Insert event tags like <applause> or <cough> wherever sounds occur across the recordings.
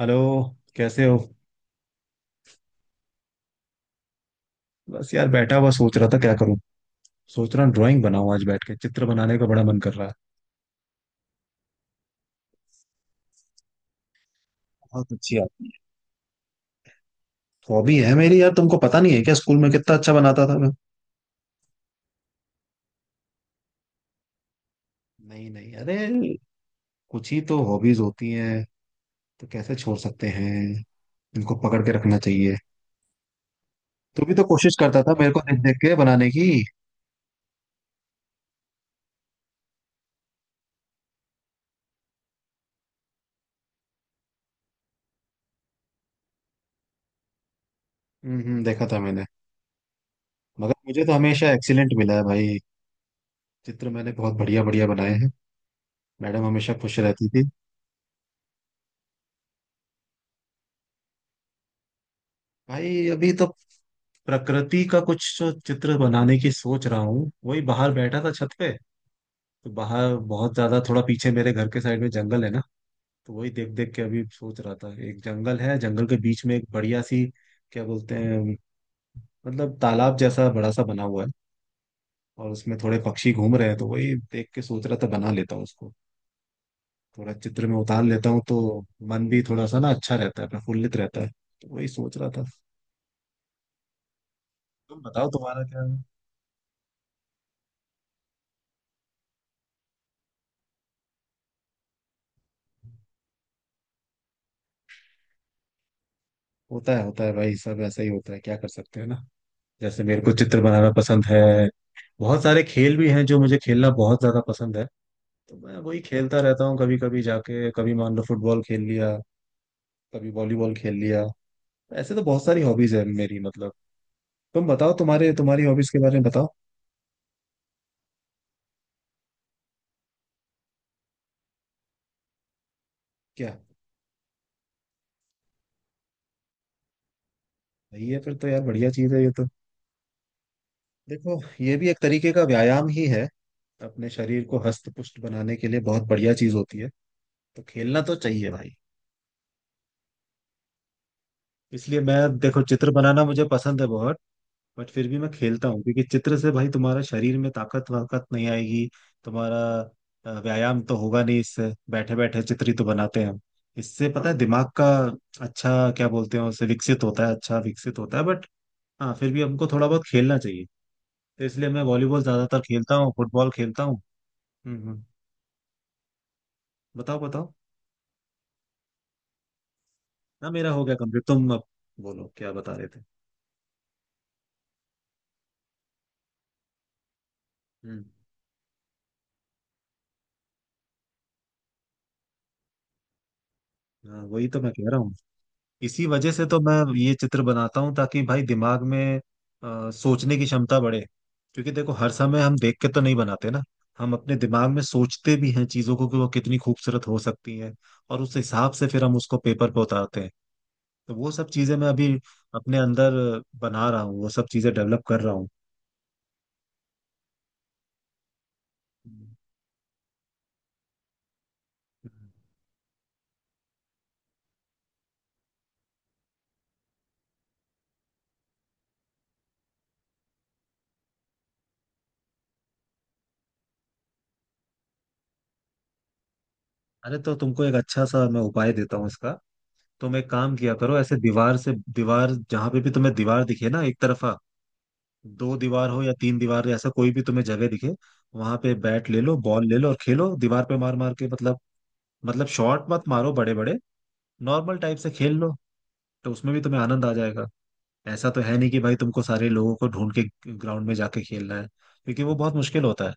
Hello. कैसे हो? बस यार बैठा हुआ सोच रहा था क्या करूं। सोच रहा हूँ ड्राइंग बनाऊं, आज बैठ के चित्र बनाने का बड़ा मन कर रहा है। बहुत अच्छी बात। हॉबी है मेरी यार, तुमको पता नहीं है क्या, स्कूल में कितना अच्छा बनाता था मैं। नहीं नहीं, अरे कुछ ही तो हॉबीज होती हैं, तो कैसे छोड़ सकते हैं। इनको पकड़ के रखना चाहिए। तू भी तो कोशिश करता था मेरे को देख देख के बनाने की। देखा था मैंने। मगर मुझे तो हमेशा एक्सीलेंट मिला है भाई। चित्र मैंने बहुत बढ़िया बढ़िया बनाए हैं। मैडम हमेशा खुश रहती थी। भाई अभी तो प्रकृति का कुछ जो चित्र बनाने की सोच रहा हूँ, वही बाहर बैठा था छत पे। तो बाहर बहुत ज्यादा, थोड़ा पीछे मेरे घर के साइड में जंगल है ना, तो वही देख देख के अभी सोच रहा था। एक जंगल है, जंगल के बीच में एक बढ़िया सी क्या बोलते हैं, मतलब तालाब जैसा बड़ा सा बना हुआ है, और उसमें थोड़े पक्षी घूम रहे हैं, तो वही देख के सोच रहा था बना लेता हूँ उसको। थोड़ा चित्र में उतार लेता हूँ तो मन भी थोड़ा सा ना अच्छा रहता है, प्रफुल्लित रहता है। तो वही सोच रहा था। तुम बताओ, तुम्हारा क्या है? होता है होता है भाई, सब ऐसा ही होता है, क्या कर सकते हैं ना। जैसे मेरे को चित्र बनाना पसंद है, बहुत सारे खेल भी हैं जो मुझे खेलना बहुत ज्यादा पसंद है, तो मैं वही खेलता रहता हूँ कभी कभी जाके। कभी मान लो फुटबॉल खेल लिया, कभी वॉलीबॉल खेल लिया। ऐसे तो बहुत सारी हॉबीज है मेरी, मतलब तुम बताओ, तुम्हारे तुम्हारी हॉबीज के बारे में बताओ। क्या? सही है, फिर तो यार बढ़िया चीज है ये तो। देखो ये भी एक तरीके का व्यायाम ही है, अपने शरीर को हस्त पुष्ट बनाने के लिए बहुत बढ़िया चीज होती है, तो खेलना तो चाहिए भाई। इसलिए मैं देखो चित्र बनाना मुझे पसंद है बहुत, बट फिर भी मैं खेलता हूँ, क्योंकि चित्र से भाई तुम्हारा शरीर में ताकत वाकत नहीं आएगी। तुम्हारा व्यायाम तो होगा नहीं इससे, बैठे बैठे चित्र ही तो बनाते हैं हम। इससे पता है दिमाग का, अच्छा क्या बोलते हैं उसे, विकसित होता है, अच्छा विकसित होता है, बट हाँ फिर भी हमको थोड़ा बहुत खेलना चाहिए। तो इसलिए मैं वॉलीबॉल ज्यादातर खेलता हूँ, फुटबॉल खेलता हूँ। हम्म। बताओ बताओ, ना मेरा हो गया कंप्लीट, तुम अब बोलो क्या बता रहे थे। हम्म, हाँ वही तो मैं कह रहा हूँ, इसी वजह से तो मैं ये चित्र बनाता हूँ, ताकि भाई दिमाग में सोचने की क्षमता बढ़े। क्योंकि देखो हर समय हम देख के तो नहीं बनाते ना, हम अपने दिमाग में सोचते भी हैं चीजों को, कि वो कितनी खूबसूरत हो सकती है, और उस हिसाब से फिर हम उसको पेपर पे उतारते हैं। तो वो सब चीजें मैं अभी अपने अंदर बना रहा हूँ, वो सब चीजें डेवलप कर रहा हूँ। अरे तो तुमको एक अच्छा सा मैं उपाय देता हूँ इसका। तुम एक काम किया करो, ऐसे दीवार से, दीवार जहां पे भी तुम्हें दीवार दिखे ना, एक तरफा, दो दीवार हो या तीन दीवार, ऐसा कोई भी तुम्हें जगह दिखे, वहां पे बैट ले लो, बॉल ले लो, और खेलो दीवार पे मार मार के। मतलब, मतलब शॉट मत मारो बड़े बड़े, नॉर्मल टाइप से खेल लो, तो उसमें भी तुम्हें आनंद आ जाएगा। ऐसा तो है नहीं कि भाई तुमको सारे लोगों को ढूंढ के ग्राउंड में जाके खेलना है, क्योंकि वो बहुत मुश्किल होता है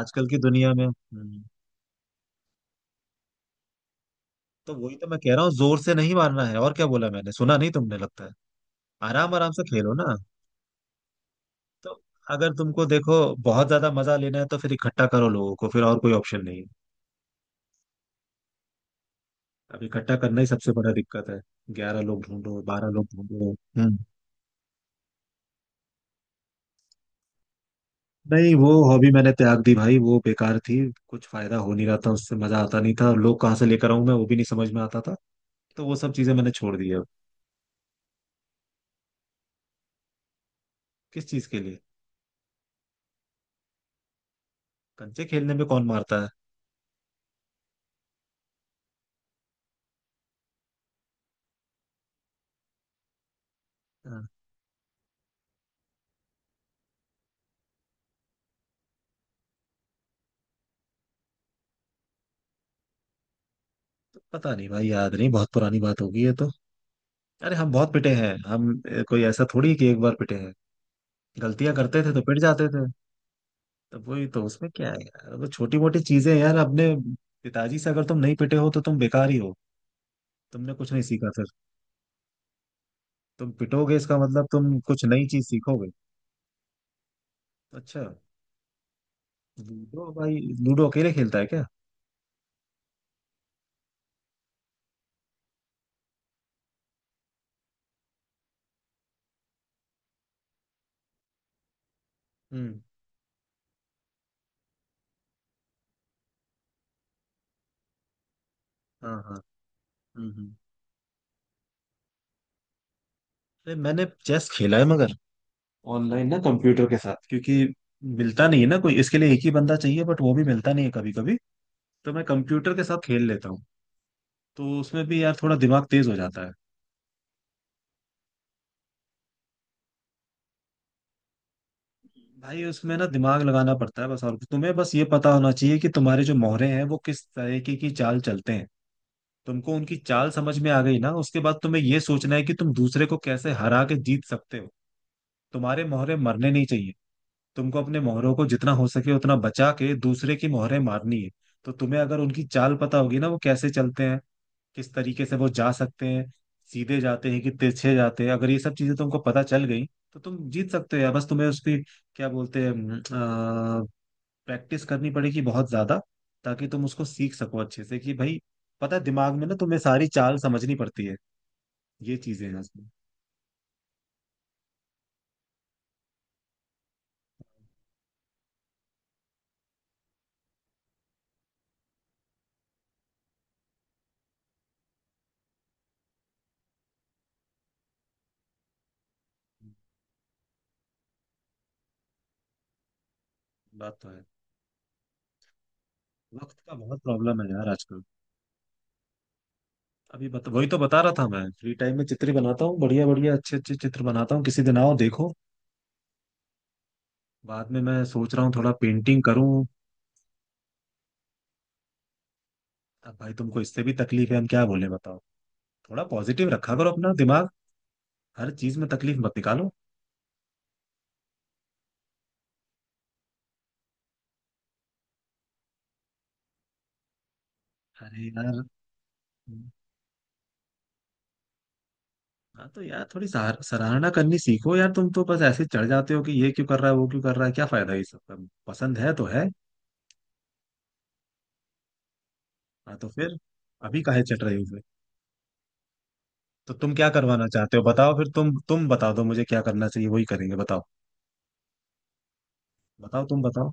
आजकल की दुनिया में। तो वही तो मैं कह रहा हूँ, जोर से नहीं मारना है। और क्या बोला, मैंने सुना नहीं, तुमने लगता है। आराम आराम से खेलो ना। तो अगर तुमको देखो बहुत ज्यादा मजा लेना है, तो फिर इकट्ठा करो लोगों को, फिर और कोई ऑप्शन नहीं है। अब इकट्ठा करना ही सबसे बड़ा दिक्कत है। 11 लोग ढूंढो, 12 लोग ढूंढो। हम्म। नहीं वो हॉबी मैंने त्याग दी भाई, वो बेकार थी, कुछ फायदा हो नहीं रहा था उससे, मजा आता नहीं था, लोग कहाँ से लेकर आऊं मैं, वो भी नहीं समझ में आता था। तो वो सब चीजें मैंने छोड़ दी अब। किस चीज के लिए? कंचे खेलने में कौन मारता है? हाँ, तो पता नहीं भाई, याद नहीं, बहुत पुरानी बात होगी ये तो। अरे हम बहुत पिटे हैं हम, कोई ऐसा थोड़ी है कि एक बार पिटे हैं। गलतियां करते थे तो पिट जाते थे। तो वही तो, उसमें क्या है यार, वो छोटी मोटी चीजें हैं यार। अपने पिताजी से अगर तुम नहीं पिटे हो तो तुम बेकार ही हो, तुमने कुछ नहीं सीखा फिर। तुम पिटोगे इसका मतलब तुम कुछ नई चीज सीखोगे। अच्छा। लूडो भाई, लूडो अकेले खेलता है क्या? हम्म, हाँ हाँ। हम्म हम्म। अरे मैंने चेस खेला है, मगर ऑनलाइन ना, कंप्यूटर के साथ, क्योंकि मिलता नहीं है ना कोई इसके लिए, एक ही बंदा चाहिए बट वो भी मिलता नहीं है कभी कभी, तो मैं कंप्यूटर के साथ खेल लेता हूँ। तो उसमें भी यार थोड़ा दिमाग तेज हो जाता है। भाई उसमें ना दिमाग लगाना पड़ता है बस, और तुम्हें बस ये पता होना चाहिए कि तुम्हारे जो मोहरे हैं वो किस तरीके की चाल चलते हैं। तुमको उनकी चाल समझ में आ गई ना, उसके बाद तुम्हें ये सोचना है कि तुम दूसरे को कैसे हरा के जीत सकते हो। तुम्हारे मोहरे मरने नहीं चाहिए, तुमको अपने मोहरों को जितना हो सके उतना बचा के दूसरे की मोहरे मारनी है। तो तुम्हें अगर उनकी चाल पता होगी ना, वो कैसे चलते हैं, किस तरीके से वो जा सकते हैं, सीधे जाते हैं कि तिरछे जाते हैं, अगर ये सब चीजें तुमको पता चल गई तो तुम जीत सकते हो यार। बस तुम्हें उसकी क्या बोलते हैं, प्रैक्टिस करनी पड़ेगी बहुत ज्यादा, ताकि तुम उसको सीख सको अच्छे से। कि भाई पता है, दिमाग में ना तुम्हें सारी चाल समझनी पड़ती है, ये चीजें हैं इसमें। बात तो है। वक्त का बहुत प्रॉब्लम है यार आजकल। अभी बता, वही तो बता रहा था मैं, फ्री टाइम में चित्र बनाता हूँ, बढ़िया बढ़िया अच्छे अच्छे चित्र बनाता हूँ, किसी दिन आओ देखो। बाद में मैं सोच रहा हूँ थोड़ा पेंटिंग करूँ। अब भाई तुमको इससे भी तकलीफ है, हम क्या बोले बताओ। थोड़ा पॉजिटिव रखा करो अपना दिमाग, हर चीज में तकलीफ मत निकालो। अरे यार। हाँ तो यार थोड़ी सराहना करनी सीखो यार, तुम तो बस ऐसे चढ़ जाते हो कि ये क्यों कर रहा है, वो क्यों कर रहा है, क्या फायदा है इस सब का। पसंद है तो है। हाँ तो फिर अभी काहे चढ़ रहे हो फिर। तो तुम क्या करवाना चाहते हो बताओ फिर, तुम बता दो मुझे क्या करना चाहिए, वही करेंगे, बताओ। बताओ तुम बताओ।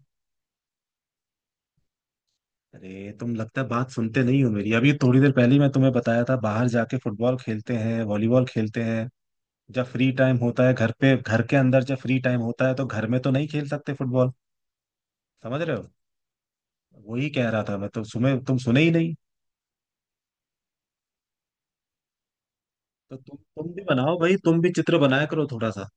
अरे तुम लगता है बात सुनते नहीं हो मेरी, अभी थोड़ी देर पहले ही मैं तुम्हें बताया था, बाहर जाके फुटबॉल खेलते हैं, वॉलीबॉल खेलते हैं। जब फ्री टाइम होता है घर पे, घर के अंदर जब फ्री टाइम होता है, तो घर में तो नहीं खेल सकते फुटबॉल, समझ रहे हो। वही कह रहा था मैं तो, सुने तुम सुने ही नहीं। तो तुम भी बनाओ भाई, तुम भी चित्र बनाया करो थोड़ा सा।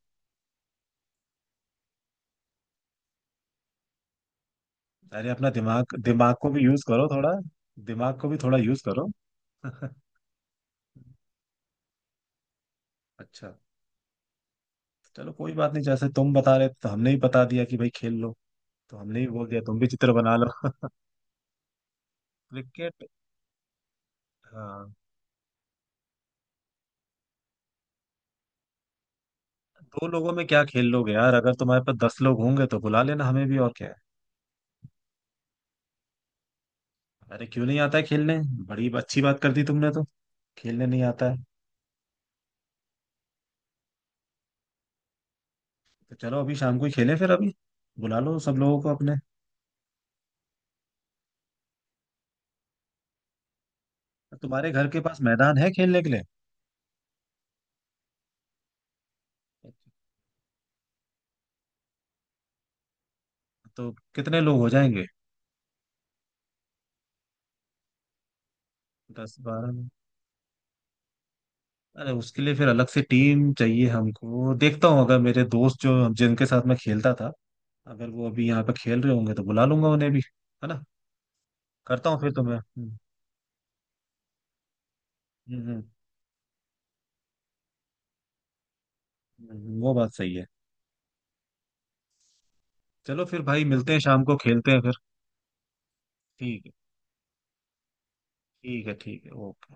अरे अपना दिमाग, दिमाग को भी यूज करो थोड़ा, दिमाग को भी थोड़ा यूज करो। <laughs> अच्छा तो चलो कोई बात नहीं, जैसे तुम बता रहे थे, तो हमने ही बता दिया कि भाई खेल लो, तो हमने ही बोल दिया तुम भी चित्र बना लो। <laughs> क्रिकेट। हाँ, दो लोगों में क्या खेल लोगे यार, अगर तुम्हारे पास 10 लोग होंगे तो बुला लेना हमें भी, और क्या है। अरे क्यों नहीं आता है खेलने, बड़ी अच्छी बात कर दी तुमने तो, खेलने नहीं आता है। तो चलो अभी शाम को ही खेलें फिर, अभी बुला लो सब लोगों को अपने। तुम्हारे घर के पास मैदान है खेलने के लिए? तो कितने लोग हो जाएंगे? 10, 12? अरे उसके लिए फिर अलग से टीम चाहिए हमको, देखता हूँ अगर मेरे दोस्त जो, जिनके साथ मैं खेलता था, अगर वो अभी यहाँ पे खेल रहे होंगे तो बुला लूंगा उन्हें भी, है ना। करता हूँ फिर तो मैं। हम्म, वो बात सही है। चलो फिर भाई मिलते हैं शाम को, खेलते हैं फिर। ठीक है, ठीक है ठीक है, ओके।